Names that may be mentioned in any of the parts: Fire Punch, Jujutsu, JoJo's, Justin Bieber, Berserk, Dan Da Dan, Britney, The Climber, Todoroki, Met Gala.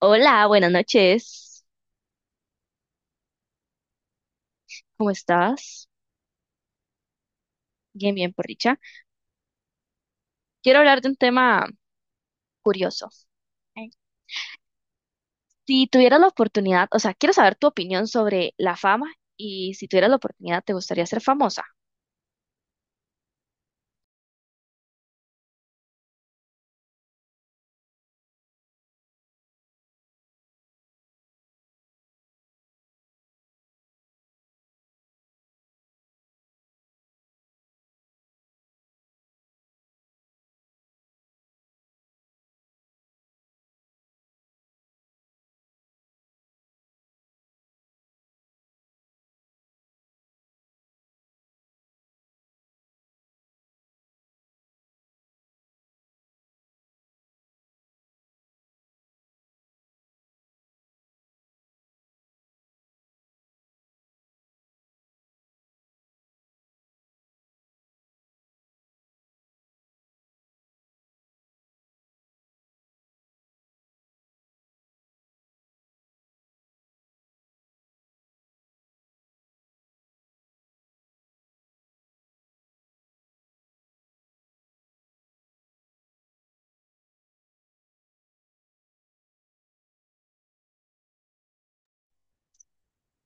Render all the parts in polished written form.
Hola, buenas noches. ¿Cómo estás? Bien, bien, por dicha. Quiero hablar de un tema curioso. Ay. Si tuvieras la oportunidad, o sea, quiero saber tu opinión sobre la fama y si tuvieras la oportunidad, ¿te gustaría ser famosa?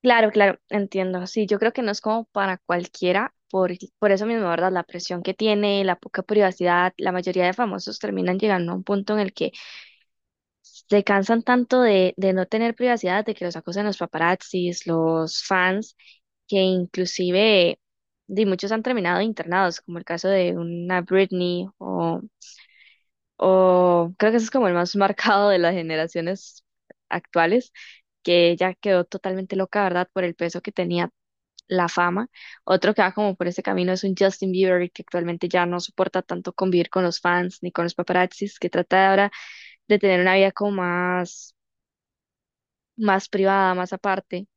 Claro, claro, entiendo. Sí, yo creo que no es como para cualquiera, por eso mismo, ¿verdad? La presión que tiene, la poca privacidad, la mayoría de famosos terminan llegando a un punto en el que se cansan tanto de no tener privacidad, de que los acosen los paparazzis, los fans que inclusive de muchos han terminado internados, como el caso de una o creo que ese es como el más marcado de las generaciones actuales, que ya quedó totalmente loca, ¿verdad? Por el peso que tenía la fama. Otro que va como por ese camino es un Justin Bieber que actualmente ya no soporta tanto convivir con los fans ni con los paparazzis, que trata de ahora de tener una vida como más privada, más aparte.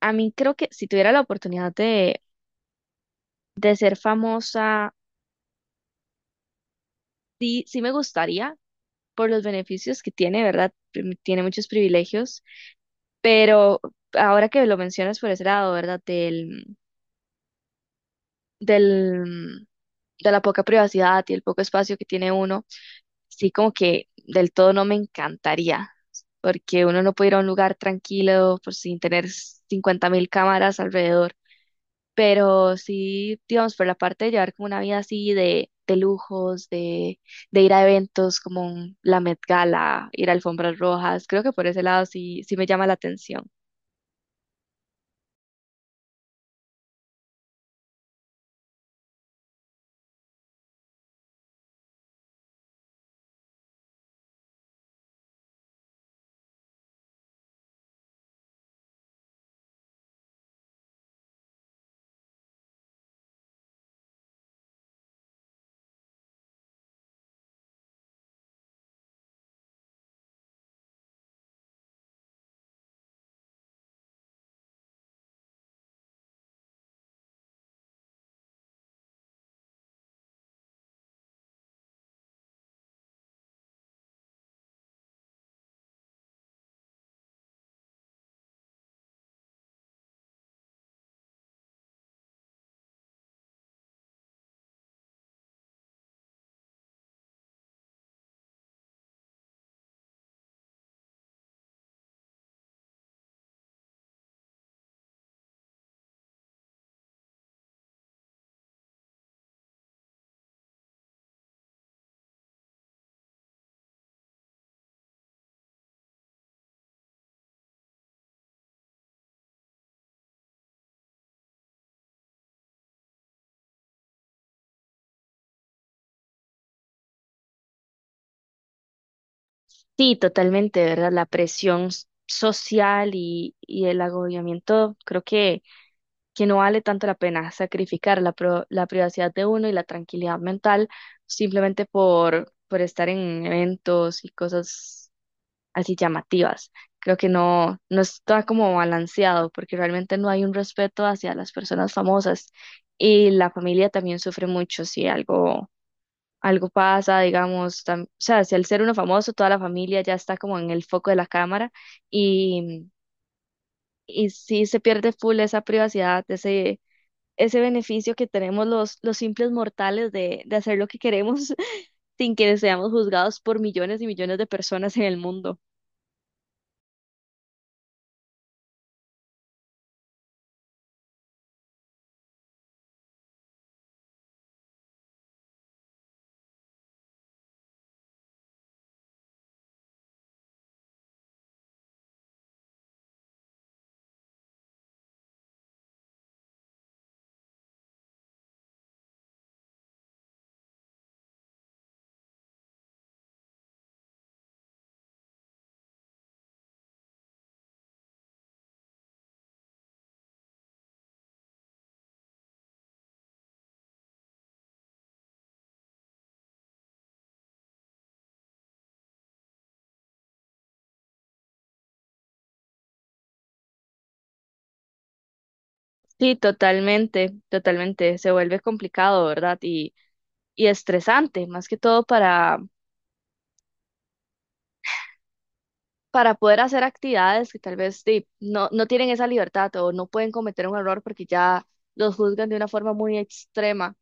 A mí creo que si tuviera la oportunidad de ser famosa, sí, sí me gustaría por los beneficios que tiene, ¿verdad? Tiene muchos privilegios, pero ahora que lo mencionas por ese lado, ¿verdad? Del, de la poca privacidad y el poco espacio que tiene uno, sí como que del todo no me encantaría, porque uno no puede ir a un lugar tranquilo por sin tener 50.000 cámaras alrededor. Pero sí, digamos, por la parte de llevar como una vida así de lujos, de ir a eventos como la Met Gala, ir a alfombras rojas, creo que por ese lado sí, sí me llama la atención. Sí, totalmente, ¿verdad? La presión social y el agobiamiento, creo que no vale tanto la pena sacrificar la privacidad de uno y la tranquilidad mental simplemente por estar en eventos y cosas así llamativas. Creo que no, no está como balanceado porque realmente no hay un respeto hacia las personas famosas y la familia también sufre mucho si algo pasa, digamos, o sea, si al ser uno famoso, toda la familia ya está como en el foco de la cámara y y sí se pierde full esa privacidad, ese beneficio que tenemos los simples mortales de hacer lo que queremos sin que seamos juzgados por millones y millones de personas en el mundo. Sí, totalmente, totalmente. Se vuelve complicado, ¿verdad? Y estresante, más que todo para poder hacer actividades que tal vez sí, no, no tienen esa libertad o no pueden cometer un error porque ya los juzgan de una forma muy extrema.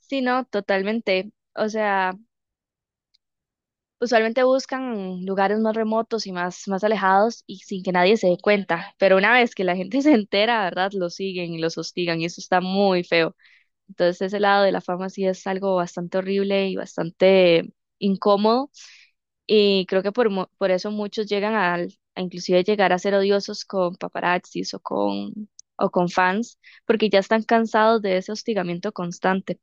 Sí, no, totalmente. O sea, usualmente buscan lugares más remotos y más alejados y sin que nadie se dé cuenta, pero una vez que la gente se entera, ¿verdad? Los siguen y los hostigan y eso está muy feo. Entonces ese lado de la fama sí es algo bastante horrible y bastante incómodo y creo que por eso muchos llegan al, a inclusive llegar a ser odiosos con paparazzis o con fans, porque ya están cansados de ese hostigamiento constante.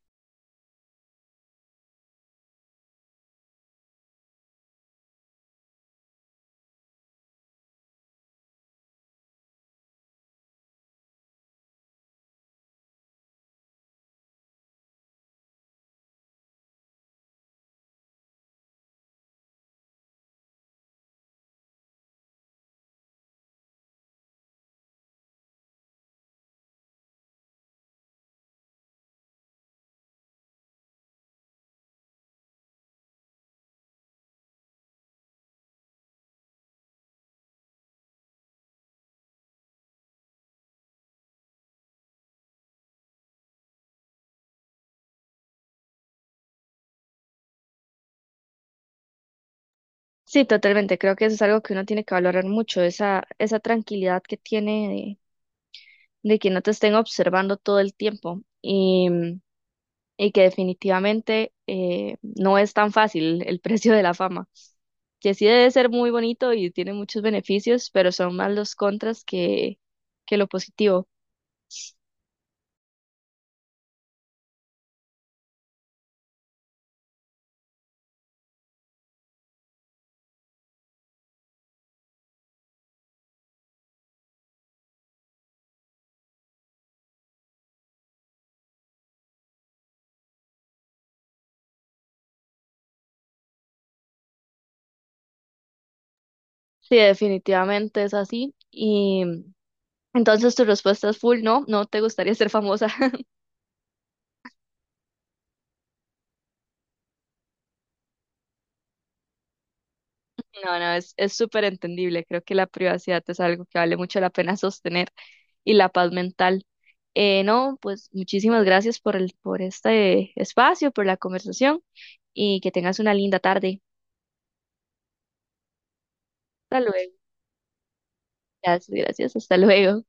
Sí, totalmente. Creo que eso es algo que uno tiene que valorar mucho, esa tranquilidad que tiene de que no te estén observando todo el tiempo y que definitivamente no es tan fácil el precio de la fama, que sí debe ser muy bonito y tiene muchos beneficios, pero son más los contras que lo positivo. Sí, definitivamente es así. Y entonces tu respuesta es full, no, no te gustaría ser famosa. No, no, es súper entendible. Creo que la privacidad es algo que vale mucho la pena sostener y la paz mental. No, pues muchísimas gracias por este espacio, por la conversación y que tengas una linda tarde. Hasta luego. Gracias, gracias. Hasta luego.